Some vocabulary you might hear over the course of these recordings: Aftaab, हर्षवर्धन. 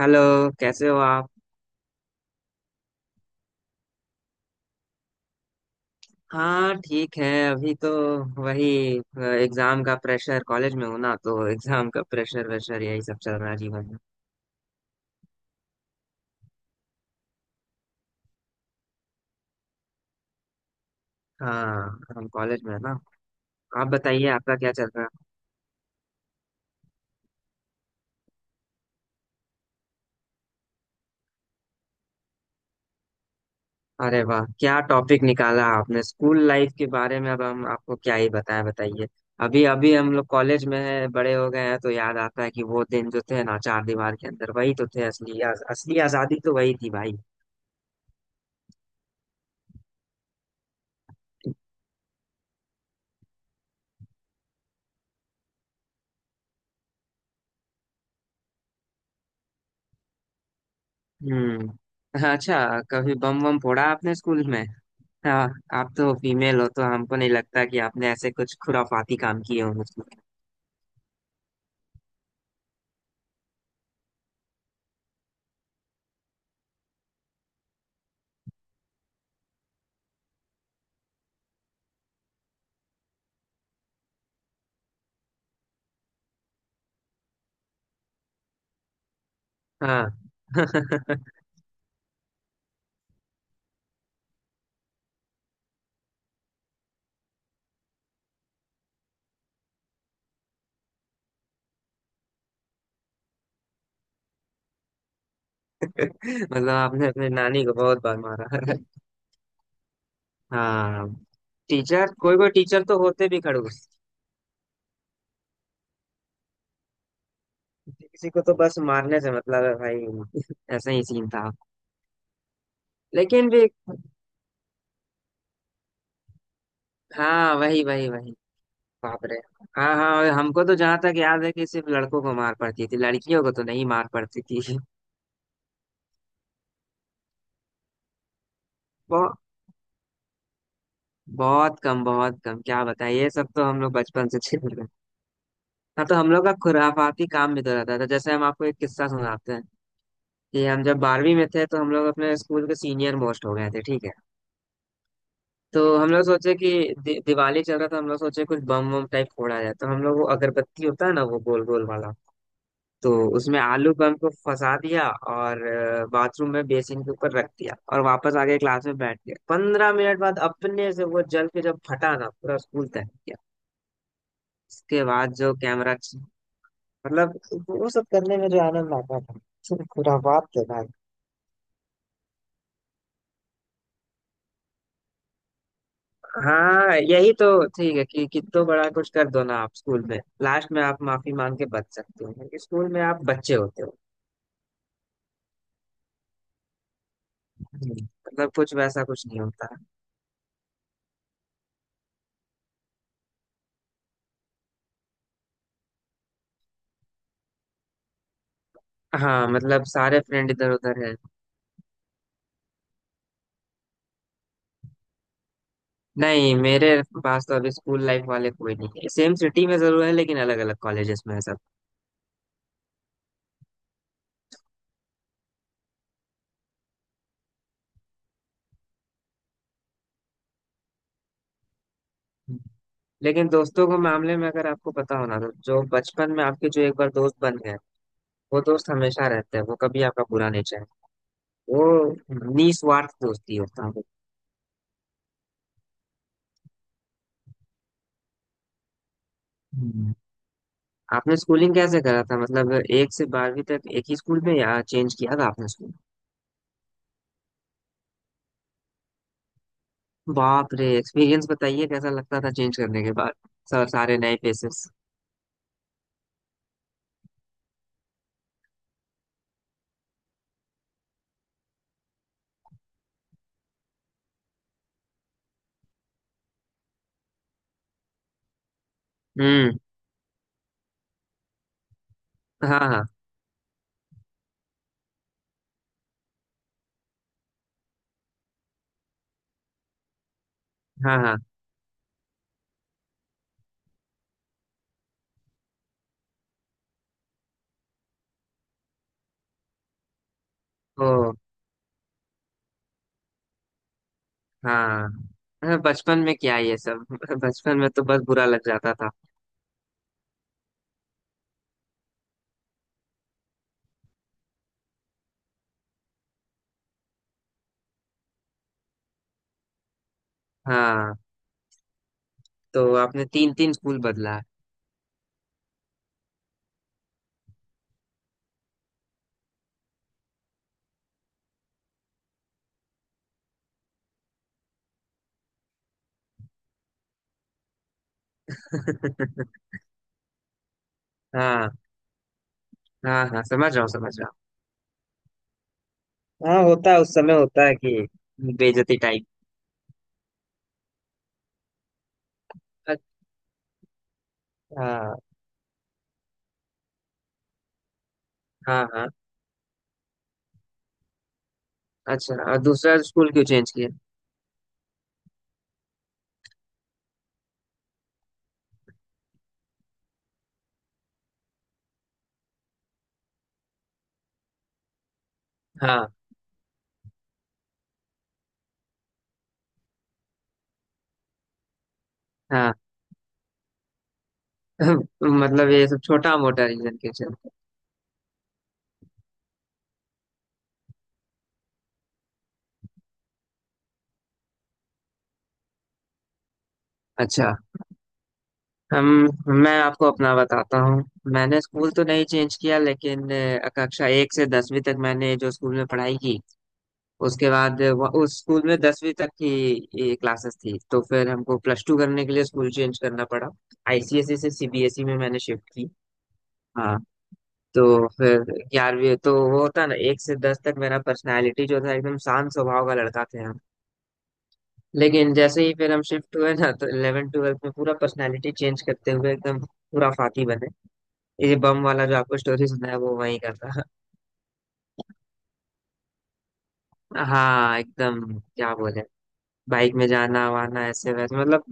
Hello. कैसे हो आप? हाँ ठीक है अभी तो। वही एग्जाम का प्रेशर, कॉलेज में हूँ ना तो एग्जाम का प्रेशर वेशर यही सब चल रहा है जीवन में। हाँ हम कॉलेज में है ना। आप बताइए आपका क्या चल रहा है? अरे वाह, क्या टॉपिक निकाला आपने, स्कूल लाइफ के बारे में। अब हम आपको क्या ही बताएं, बताइए। अभी अभी हम लोग कॉलेज में है, बड़े हो गए हैं तो याद आता है कि वो दिन जो थे ना, चार दीवार के अंदर वही तो थे, असली असली आजादी तो वही थी भाई। हम्म। अच्छा, कभी बम बम फोड़ा आपने स्कूल में? हाँ। आप तो फीमेल हो तो हमको नहीं लगता कि आपने ऐसे कुछ खुराफाती काम किए हो मुझको। हाँ। मतलब आपने अपने नानी को बहुत बार मारा है। हाँ, टीचर, कोई कोई टीचर तो होते भी खड़ूस। किसी को तो बस मारने से मतलब है भाई, ऐसा ही सीन था। लेकिन भी। हाँ, वही वही वही। बाप रे। हाँ हाँ, और हमको तो जहाँ तक याद है कि सिर्फ लड़कों को मार पड़ती थी, लड़कियों को तो नहीं मार पड़ती थी। बहुत कम, बहुत कम, क्या बताएं, ये सब तो हम लोग बचपन से झेल रहे हैं। हाँ, तो हम लोग का खुराफाती काम भी तो रहता था। जैसे हम आपको एक किस्सा सुनाते हैं कि हम जब बारहवीं में थे तो हम लोग अपने स्कूल के सीनियर मोस्ट हो गए थे, ठीक है? तो हम लोग सोचे कि दि दिवाली चल रहा था, हम लोग सोचे कुछ बम बम टाइप फोड़ा जाए। तो हम लोग वो अगरबत्ती होता है ना, वो गोल गोल वाला, तो उसमें आलू बम को फंसा दिया और बाथरूम में बेसिन के ऊपर रख दिया और वापस आके क्लास में बैठ गया। पंद्रह मिनट बाद अपने से वो जल के जब फटा ना, पूरा स्कूल तक। उसके बाद जो कैमरा, मतलब वो सब करने में जो आनंद आता था, सिर्फ खुराफात थे भाई। हाँ यही तो। ठीक है कि कितो बड़ा कुछ कर दो ना आप स्कूल में, लास्ट में आप माफी मांग के बच सकते हो क्योंकि स्कूल में आप बच्चे होते हो। हम्म। मतलब कुछ वैसा कुछ नहीं होता। हाँ, मतलब सारे फ्रेंड इधर उधर है। नहीं, मेरे पास तो अभी स्कूल लाइफ वाले कोई नहीं है। सेम सिटी में जरूर है, लेकिन अलग अलग कॉलेजेस में है सब। लेकिन दोस्तों के मामले में अगर आपको पता हो ना, तो जो बचपन में आपके जो एक बार दोस्त बन गए, वो दोस्त हमेशा रहता है। वो कभी आपका बुरा नहीं चाहे। वो निस्वार्थ दोस्ती होता है। हम्म। आपने स्कूलिंग कैसे करा था? मतलब एक से बारहवीं तक एक ही स्कूल में या चेंज किया था आपने स्कूल? बाप रे, एक्सपीरियंस बताइए, कैसा लगता था चेंज करने के बाद? सर, सारे नए फेसेस। हम्म। हाँ हाँ। हाँ हाँ। ओ। हाँ, हाँ, बचपन में क्या ये सब। बचपन में तो बस बुरा लग जाता था। हाँ, तो आपने तीन तीन स्कूल बदला है। हाँ हाँ, हाँ समझ रहा हूँ, समझ रहा हूँ। हाँ होता है, उस समय होता है कि बेइज्जती टाइप। अच्छा। हाँ हाँ। अच्छा, और दूसरा स्कूल क्यों चेंज किया? हाँ हाँ। मतलब ये सब छोटा मोटा रीजन क्यों चेंज किया। अच्छा। हम मैं आपको अपना बताता हूँ। मैंने स्कूल तो नहीं चेंज किया लेकिन कक्षा एक से दसवीं तक मैंने जो स्कूल में पढ़ाई की, उसके बाद उस स्कूल में दसवीं तक की क्लासेस थी, तो फिर हमको प्लस टू करने के लिए स्कूल चेंज करना पड़ा। आईसीएसई से सीबीएसई में मैंने शिफ्ट की। हाँ। तो फिर ग्यारहवीं, तो वो होता ना, एक से दस तक मेरा पर्सनालिटी जो था एकदम शांत स्वभाव का लड़का थे हम। लेकिन जैसे ही फिर हम शिफ्ट हुए ना, तो 11 ट्वेल्थ में पूरा पर्सनालिटी चेंज करते हुए एकदम पूरा फाती बने। ये बम वाला जो आपको स्टोरी सुनाया वो वही का था। हाँ एकदम। क्या बोले? बाइक में जाना वाना, ऐसे वैसे, मतलब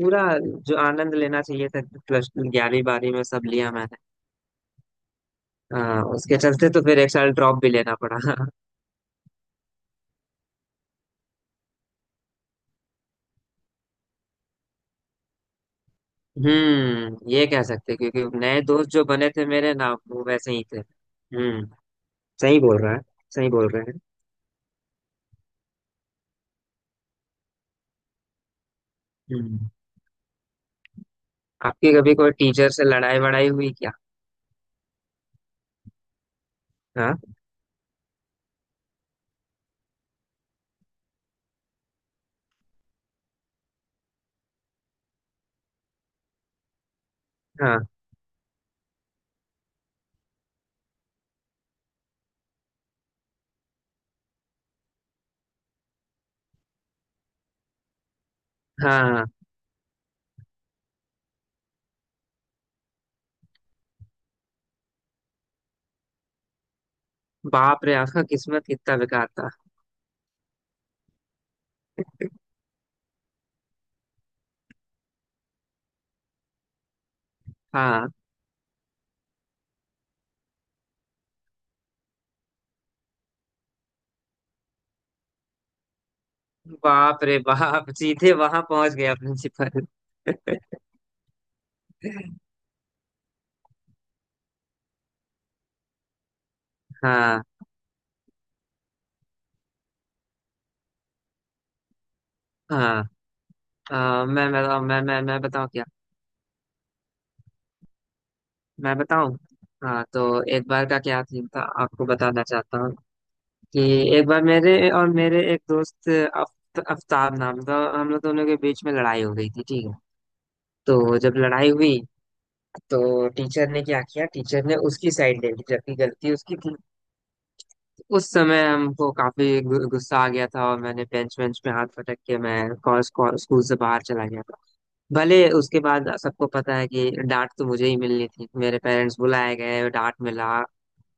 पूरा जो आनंद लेना चाहिए था, प्लस ग्यारहवीं बारहवीं में, सब लिया मैंने। उसके चलते तो फिर एक साल ड्रॉप भी लेना पड़ा। हम्म, ये कह सकते हैं, क्योंकि नए दोस्त जो बने थे मेरे ना, वो वैसे ही थे। हम्म। सही बोल रहा है। सही बोल रहे हैं। हम्म। आपकी कभी कोई टीचर से लड़ाई वड़ाई हुई क्या? हाँ। हाँ हाँ। बाप रे, आपका किस्मत कितना बेकार था। हाँ। बाप रे बाप, सीधे वहां पहुंच गया प्रिंसिपल। हाँ हाँ। मैं बताऊँ, मैं बताऊँ क्या? मैं बताऊँ। हाँ तो एक बार का क्या थीम था आपको बताना चाहता हूँ कि एक बार मेरे और मेरे एक दोस्त अफ्ताब नाम था, हम लोग दोनों के बीच में लड़ाई हो गई थी, ठीक है? तो जब लड़ाई हुई तो टीचर ने क्या किया, टीचर ने उसकी साइड ले ली, जबकि गलती उसकी थी। उस समय हमको काफी गुस्सा आ गया था और मैंने बेंच बेंच पे हाथ पटक के मैं स्कूल से बाहर चला गया था। भले उसके बाद सबको पता है कि डांट तो मुझे ही मिलनी थी, मेरे पेरेंट्स बुलाए गए, डांट मिला,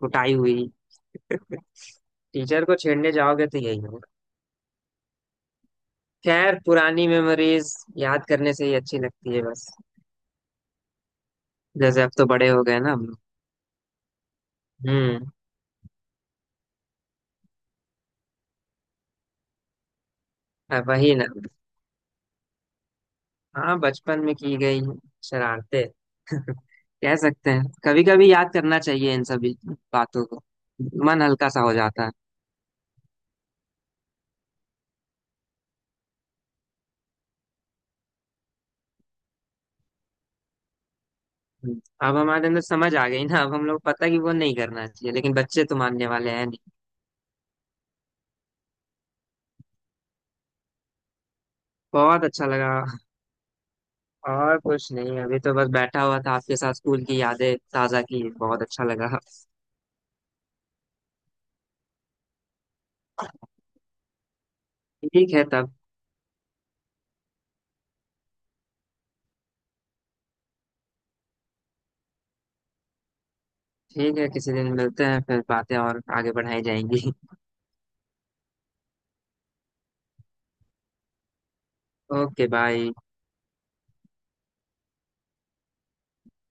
कुटाई हुई। टीचर को छेड़ने जाओगे तो यही। खैर पुरानी मेमोरीज याद करने से ही अच्छी लगती है बस। जैसे अब तो बड़े हो गए ना हम लोग। हम्म। अब वही ना। हाँ, बचपन में की गई शरारते। कह सकते हैं, कभी कभी याद करना चाहिए इन सभी बातों को, मन हल्का सा हो जाता है। हम्म, अब हमारे अंदर समझ आ गई ना, अब हम लोग पता कि वो नहीं करना चाहिए, लेकिन बच्चे तो मानने वाले हैं नहीं। बहुत अच्छा लगा। और कुछ नहीं, अभी तो बस बैठा हुआ था आपके साथ, स्कूल की यादें ताजा की, बहुत अच्छा लगा। ठीक है तब। ठीक है, किसी दिन मिलते हैं फिर, बातें और आगे बढ़ाई जाएंगी। Okay bye.